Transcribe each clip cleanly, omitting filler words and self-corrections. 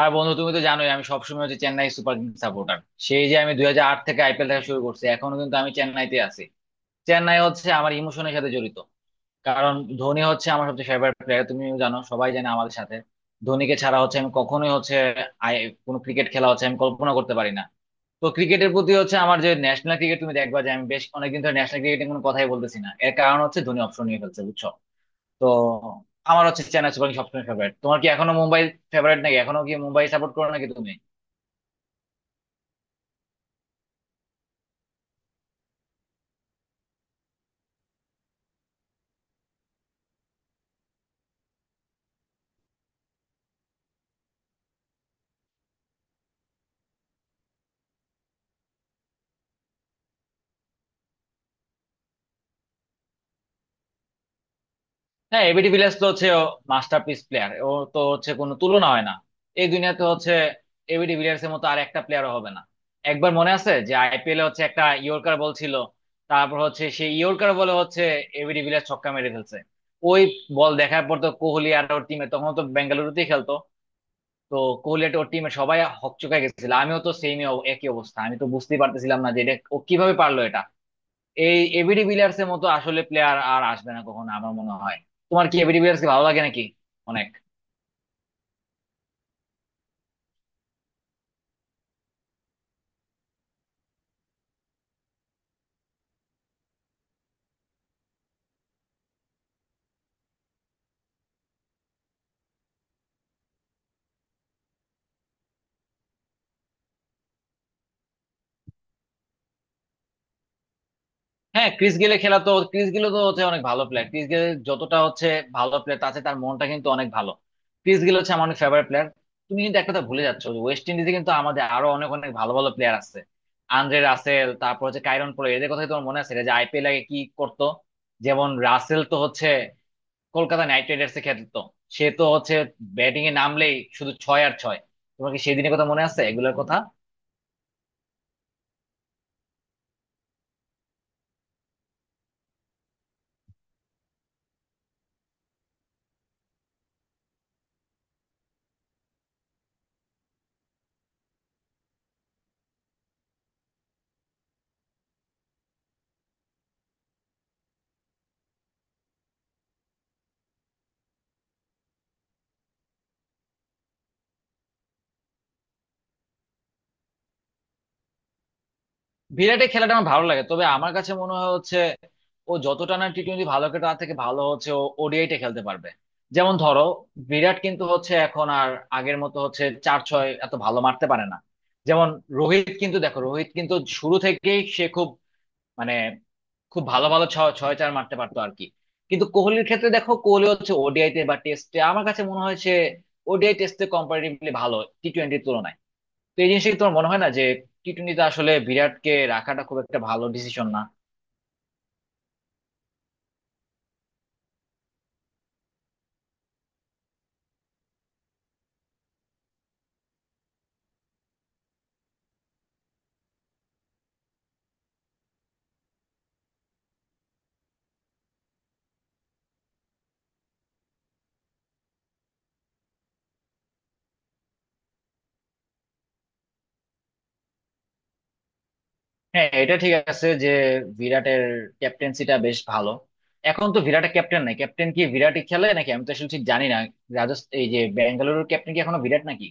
আর বন্ধু, তুমি তো জানোই আমি সবসময় হচ্ছে চেন্নাই সুপার কিংস সাপোর্টার। সেই যে আমি 2008 থেকে আইপিএল দেখা শুরু করছি, এখনো কিন্তু আমি চেন্নাইতে আছি। চেন্নাই হচ্ছে আমার ইমোশনের সাথে জড়িত। কারণ ধোনি হচ্ছে আমার সবচেয়ে ফেভারিট প্লেয়ার, তুমি জানো সবাই জানে আমাদের সাথে। ধোনিকে ছাড়া হচ্ছে আমি কখনোই হচ্ছে কোনো ক্রিকেট খেলা হচ্ছে আমি কল্পনা করতে পারি না। তো ক্রিকেটের প্রতি হচ্ছে আমার যে ন্যাশনাল ক্রিকেট, তুমি দেখবা যে আমি বেশ অনেকদিন ধরে ন্যাশনাল ক্রিকেটে কোনো কথাই বলতেছি না, এর কারণ হচ্ছে ধোনি অপশন নিয়ে ফেলছে, বুঝছো। তো আমার হচ্ছে চেন্নাই সুপার কিংস সবসময় ফেভারিট। তোমার কি এখনো মুম্বাই ফেভারিট নাকি, এখনো কি মুম্বাই সাপোর্ট করো নাকি তুমি? হ্যাঁ, এবিডি ভিলিয়ার্স তো হচ্ছে মাস্টারপিস প্লেয়ার, ও masterpiece player, ও তো হচ্ছে কোনো তুলনা হয় না এই দুনিয়াতে হচ্ছে। এবিডি ভিলিয়ার্স এর মতো আর একটা প্লেয়ারও হবে না। একবার মনে আছে যে আইপিএল এ হচ্ছে একটা ইয়র্কার বল ছিল, তারপর হচ্ছে সেই ইয়র্কার বলে হচ্ছে এবিডি ভিলিয়ার্স ছক্কা মেরে ফেলছে। ওই বল দেখার পর তো কোহলি আর ওর টিমে, তখন তো বেঙ্গালুরুতেই খেলতো, তো কোহলি আর ওর টিমে সবাই হকচকায় গেছিল। আমিও তো সেমই একই অবস্থা, আমি তো বুঝতেই পারতেছিলাম না যে এটা ও কিভাবে পারলো এটা। এই এবিডি ভিলিয়ার্স এর মতো আসলে প্লেয়ার আর আসবে না কখনো আমার মনে হয়। তোমার কি এবিডি ভিলিয়ার্স কে ভালো লাগে নাকি? অনেক। হ্যাঁ, ক্রিস গেলে খেলা তো, ক্রিস গেলে তো হচ্ছে অনেক ভালো প্লেয়ার, ক্রিস গেলে যতটা হচ্ছে ভালো প্লেয়ার আছে, তার মনটা কিন্তু অনেক ভালো। ক্রিস গেল হচ্ছে আমার অনেক ফেভারিট প্লেয়ার। তুমি কিন্তু একটা কথা ভুলে যাচ্ছ যে ওয়েস্ট ইন্ডিজে কিন্তু আমাদের আরো অনেক অনেক ভালো ভালো প্লেয়ার আছে। আন্দ্রে রাসেল, তারপর হচ্ছে কাইরন পোলা, এদের কথা কি তোমার মনে আছে এরা যে আইপিএল আগে কি করতো? যেমন রাসেল তো হচ্ছে কলকাতা নাইট রাইডার্স এ খেলতো। সে তো হচ্ছে ব্যাটিং এ নামলেই শুধু ছয় আর ছয়। তোমার কি সেদিনের কথা মনে আছে, এগুলোর কথা? বিরাটের খেলাটা আমার ভালো লাগে, তবে আমার কাছে মনে হয় হচ্ছে ও যতটা না টি টোয়েন্টি ভালো খেলে, তার থেকে ভালো হচ্ছে ও ওডিআইটা খেলতে পারবে। যেমন ধরো, বিরাট কিন্তু হচ্ছে এখন আর আগের মতো হচ্ছে চার ছয় এত ভালো মারতে পারে না। যেমন রোহিত, কিন্তু দেখো রোহিত কিন্তু শুরু থেকেই সে খুব মানে খুব ভালো ভালো ছয় ছয় চার মারতে পারতো আর কি। কিন্তু কোহলির ক্ষেত্রে দেখো, কোহলি হচ্ছে ওডিআই তে বা টেস্টে আমার কাছে মনে হয় সে ওডিআই টেস্টে কম্পারেটিভলি ভালো টি টোয়েন্টির তুলনায়। তো এই জিনিসটা কি তোমার মনে হয় না যে টি টোয়েন্টিতে আসলে বিরাটকে রাখাটা খুব একটা ভালো ডিসিশন না? হ্যাঁ, এটা ঠিক আছে যে বিরাটের ক্যাপ্টেন্সিটা বেশ ভালো। এখন তো বিরাটের ক্যাপ্টেন নাই, ক্যাপ্টেন কি বিরাটই খেলে নাকি? আমি তো আসলে ঠিক জানি না। রাজস্থান, এই যে ব্যাঙ্গালুরুর ক্যাপ্টেন কি এখনো বিরাট নাকি?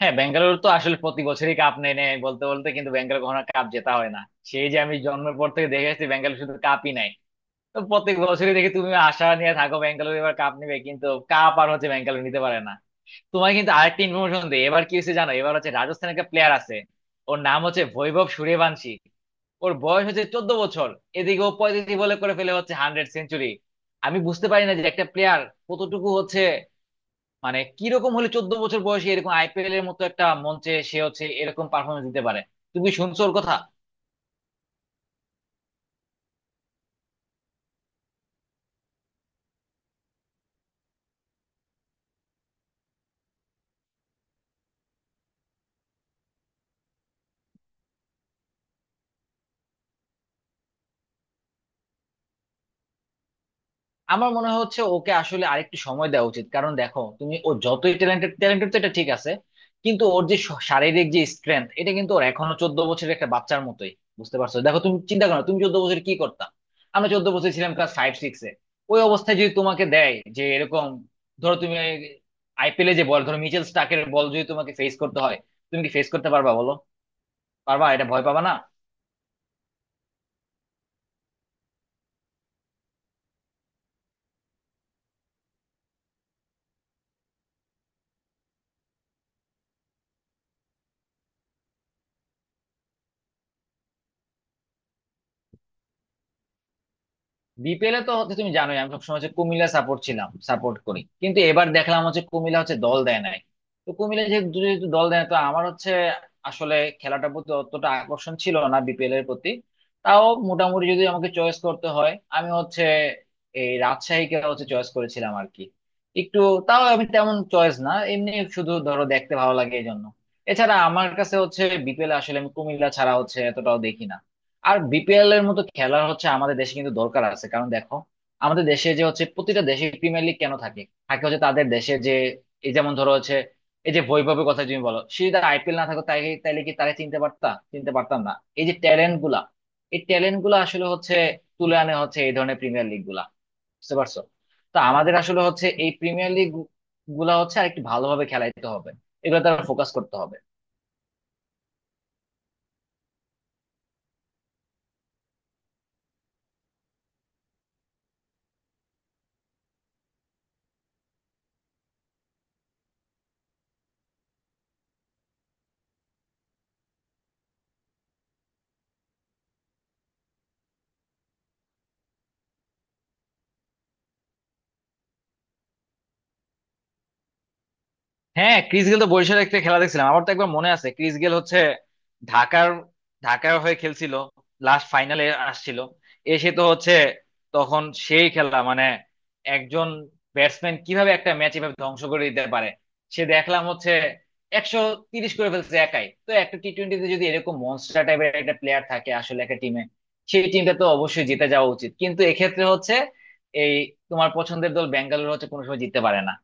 হ্যাঁ, বেঙ্গালুরু তো আসলে প্রতি বছরই কাপ নেয় নেয় বলতে বলতে, কিন্তু বেঙ্গালুরু কখনো কাপ জেতা হয় না। সেই যে আমি জন্মের পর থেকে দেখে আসছি বেঙ্গালুরু শুধু কাপই নেয়। তো প্রত্যেক বছরই দেখি তুমি আশা নিয়ে থাকো বেঙ্গালুরু এবার কাপ নিবে, কিন্তু কাপ আর হচ্ছে বেঙ্গালুরু নিতে পারে না। তোমার কিন্তু আরেকটা ইনফরমেশন দেই, এবার কি হয়েছে জানো, এবার হচ্ছে রাজস্থানের একটা প্লেয়ার আছে, ওর নাম হচ্ছে বৈভব সূর্যবংশী। ওর বয়স হচ্ছে 14 বছর। এদিকে ও 35 বলে করে ফেলে হচ্ছে 100 সেঞ্চুরি। আমি বুঝতে পারি না যে একটা প্লেয়ার কতটুকু হচ্ছে, মানে কিরকম হলে 14 বছর বয়সে এরকম আইপিএল এর মতো একটা মঞ্চে সে হচ্ছে এরকম পারফরমেন্স দিতে পারে। তুমি কি শুনছো ওর কথা? আমার মনে হচ্ছে ওকে আসলে আরেকটু সময় দেওয়া উচিত। কারণ দেখো তুমি, ও যতই ট্যালেন্টেড, ট্যালেন্টেড তো এটা ঠিক আছে, কিন্তু ওর যে শারীরিক যে স্ট্রেংথ, এটা কিন্তু ওর এখনো 14 বছরের একটা বাচ্চার মতোই। বুঝতে পারছো, দেখো তুমি চিন্তা করো, তুমি 14 বছর কি করতা? আমরা 14 বছর ছিলাম ক্লাস 5-6 এ। ওই অবস্থায় যদি তোমাকে দেয় যে এরকম, ধরো তুমি আইপিএলে যে বল, ধরো মিচেল স্টার্কের বল যদি তোমাকে ফেস করতে হয়, তুমি কি ফেস করতে পারবা বলো? পারবা, এটা ভয় পাবা না? বিপিএল এ তো হচ্ছে, তুমি জানোই আমি সবসময় হচ্ছে কুমিল্লা সাপোর্ট ছিলাম, সাপোর্ট করি, কিন্তু এবার দেখলাম হচ্ছে কুমিল্লা হচ্ছে দল দেয় নাই। তো কুমিল্লা যেহেতু যেহেতু দল দেয় না, তো আমার হচ্ছে আসলে খেলাটার প্রতি অতটা আকর্ষণ ছিল না বিপিএল এর প্রতি। তাও মোটামুটি যদি আমাকে চয়েস করতে হয়, আমি হচ্ছে এই রাজশাহীকে হচ্ছে চয়েস করেছিলাম আর কি। একটু, তাও আমি তেমন চয়েস না, এমনি শুধু ধরো দেখতে ভালো লাগে এই জন্য। এছাড়া আমার কাছে হচ্ছে বিপিএল আসলে আমি কুমিল্লা ছাড়া হচ্ছে এতটাও দেখি না। আর বিপিএল এর মতো খেলা হচ্ছে আমাদের দেশে কিন্তু দরকার আছে। কারণ দেখো, আমাদের দেশে যে হচ্ছে, প্রতিটা দেশে প্রিমিয়ার লিগ কেন থাকে? থাকে হচ্ছে তাদের দেশে যে, এই যেমন ধরো হচ্ছে, এই যে বৈভবের কথা তুমি বলো, সে যদি আইপিএল না থাকো তাই তাইলে কি তারা চিনতে পারতা? চিনতে পারতাম না। এই যে ট্যালেন্ট গুলা, এই ট্যালেন্ট গুলা আসলে হচ্ছে তুলে আনে হচ্ছে এই ধরনের প্রিমিয়ার লিগ গুলা। বুঝতে পারছো? তো আমাদের আসলে হচ্ছে এই প্রিমিয়ার লিগ গুলা হচ্ছে আরেকটু ভালোভাবে খেলাইতে হবে, এগুলো তারা ফোকাস করতে হবে। হ্যাঁ, ক্রিস গেল তো বরিশালের একটা খেলা দেখছিলাম। আমার তো একবার মনে আছে ক্রিস গেল হচ্ছে ঢাকার, ঢাকার হয়ে খেলছিল লাস্ট ফাইনালে, আসছিল, এসে তো হচ্ছে, তখন সেই খেলা মানে একজন ব্যাটসম্যান কিভাবে একটা ম্যাচ এভাবে ধ্বংস করে দিতে পারে। সে দেখলাম হচ্ছে 130 করে ফেলছে একাই। তো একটা টি টোয়েন্টিতে যদি এরকম মনস্টার টাইপের একটা প্লেয়ার থাকে আসলে একটা টিমে, সেই টিমটা তো অবশ্যই জিতে যাওয়া উচিত, কিন্তু এক্ষেত্রে হচ্ছে এই তোমার পছন্দের দল বেঙ্গালুরু হচ্ছে কোনো সময় জিততে পারে না।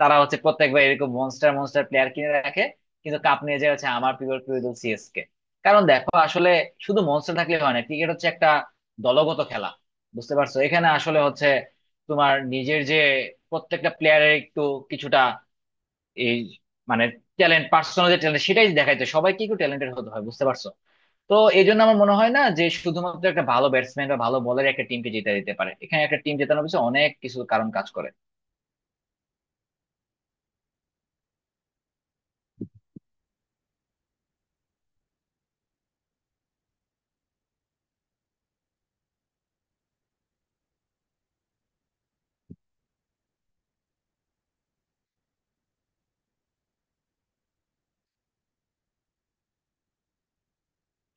তারা হচ্ছে প্রত্যেকবার এরকম মনস্টার মনস্টার প্লেয়ার কিনে রাখে, কিন্তু কাপ নিয়ে যায় হচ্ছে আমার প্রিয় প্রিয় দল সিএসকে। কারণ দেখো আসলে শুধু মনস্টার থাকলে হয় না, ক্রিকেট হচ্ছে একটা দলগত খেলা। বুঝতে পারছো, এখানে আসলে হচ্ছে তোমার নিজের যে প্রত্যেকটা প্লেয়ারের একটু কিছুটা এই মানে ট্যালেন্ট, পার্সোনাল যে ট্যালেন্ট সেটাই দেখাইতে সবাইকে একটু ট্যালেন্টেড হতে হয়, বুঝতে পারছো? তো এই জন্য আমার মনে হয় না যে শুধুমাত্র একটা ভালো ব্যাটসম্যান বা ভালো বলার একটা টিমকে জিতে দিতে পারে। এখানে একটা টিম জেতানোর পিছনে অনেক কিছু কারণ কাজ করে।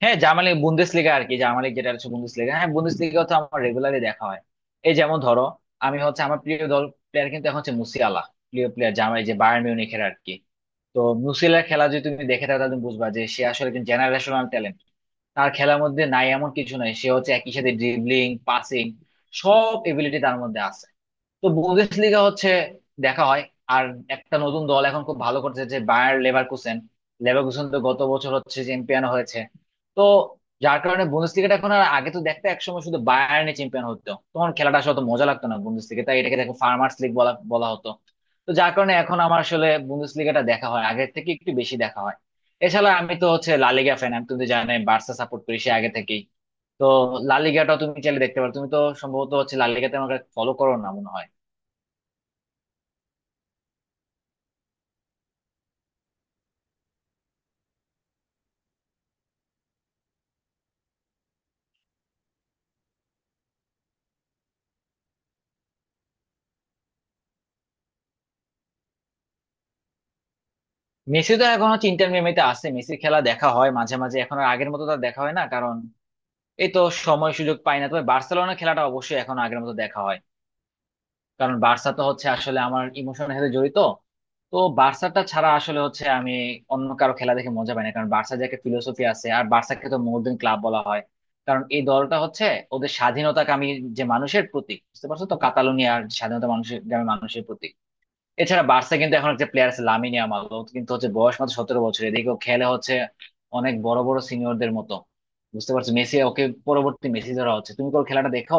হ্যাঁ, জার্মানি বুন্দেসলিগা আর কি, জার্মানি যেটা হচ্ছে বুন্দেসলিগা, হ্যাঁ, বুন্দেসলিগা তো আমার রেগুলারলি দেখা হয়। এই যেমন ধরো, আমি হচ্ছে আমার প্রিয় দল প্লেয়ার কিন্তু এখন হচ্ছে মুসিয়ালা, প্রিয় প্লেয়ার, জার্মানি যে বায়ার্ন মিউনিখের আর কি। তো মুসিয়ালার খেলা যদি তুমি দেখে থাকো, তাহলে তুমি বুঝবা যে সে আসলে একজন জেনারেশনাল ট্যালেন্ট। তার খেলার মধ্যে নাই এমন কিছু নাই, সে হচ্ছে একই সাথে ড্রিবলিং, পাসিং, সব এবিলিটি তার মধ্যে আছে। তো বুন্দেসলিগা হচ্ছে দেখা হয়। আর একটা নতুন দল এখন খুব ভালো করছে, যে বায়ার লেভারকুসেন। লেভারকুসেন তো গত বছর হচ্ছে চ্যাম্পিয়ন হয়েছে। তো যার কারণে বুন্দেসলিগাটা এখন, আর আগে তো দেখতে একসময় শুধু বায়ার্নে চ্যাম্পিয়ন হতো, তখন খেলাটা আসলে অত মজা লাগতো না বুন্দেসলিগা, তাই এটাকে দেখো ফার্মার্স লিগ বলা বলা হতো। তো যার কারণে এখন আমার আসলে বুন্দেসলিগাটা দেখা হয় আগের থেকে একটু বেশি দেখা হয়। এছাড়া আমি তো হচ্ছে লা লিগা ফ্যান, আমি, তুমি তো জানোই বার্সা সাপোর্ট করি সে আগে থেকেই। তো লা লিগাটাও তুমি চাইলে দেখতে পারো, তুমি তো সম্ভবত হচ্ছে লা লিগাতে আমাকে ফলো করো না মনে হয়। মেসি তো এখন হচ্ছে ইন্টার মিয়ামিতে আছে, মেসির খেলা দেখা হয় মাঝে মাঝে, এখন আর আগের মতো তার দেখা হয় না, কারণ এই তো সময় সুযোগ পাই না। তবে বার্সেলোনার খেলাটা অবশ্যই এখন আগের মতো দেখা হয়। কারণ বার্সা তো হচ্ছে আসলে আমার ইমোশনের সাথে জড়িত। তো বার্সাটা ছাড়া আসলে হচ্ছে আমি অন্য কারো খেলা দেখে মজা পাই না। কারণ বার্সার যে একটা ফিলোসফি আছে, আর বার্সাকে তো মডার্ন ক্লাব বলা হয়। কারণ এই দলটা হচ্ছে ওদের স্বাধীনতাকামী যে মানুষের প্রতীক, বুঝতে পারছো তো, কাতালোনিয়ার স্বাধীনতা মানুষের, গ্রামের মানুষের প্রতীক। এছাড়া বার্সা কিন্তু এখন একটা প্লেয়ার আছে লামিনে ইয়ামাল, ও কিন্তু হচ্ছে বয়স মাত্র 17 বছর, এদিকে ও খেলে হচ্ছে অনেক বড় বড় সিনিয়রদের মতো। বুঝতে পারছো, মেসি ওকে পরবর্তী মেসি ধরা হচ্ছে। তুমি কোন খেলাটা দেখো?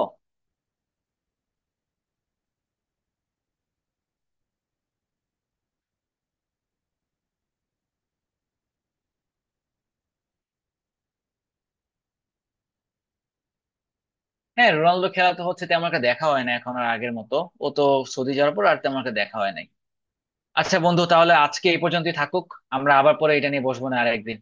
হ্যাঁ, রোনালদো খেলা তো হচ্ছে তেমন একটা দেখা হয় না এখন আর আগের মতো। ও তো সৌদি যাওয়ার পর আর তেমন একটা দেখা হয় নাই। আচ্ছা বন্ধু, তাহলে আজকে এই পর্যন্তই থাকুক। আমরা আবার পরে এটা নিয়ে বসবো, না আর একদিন।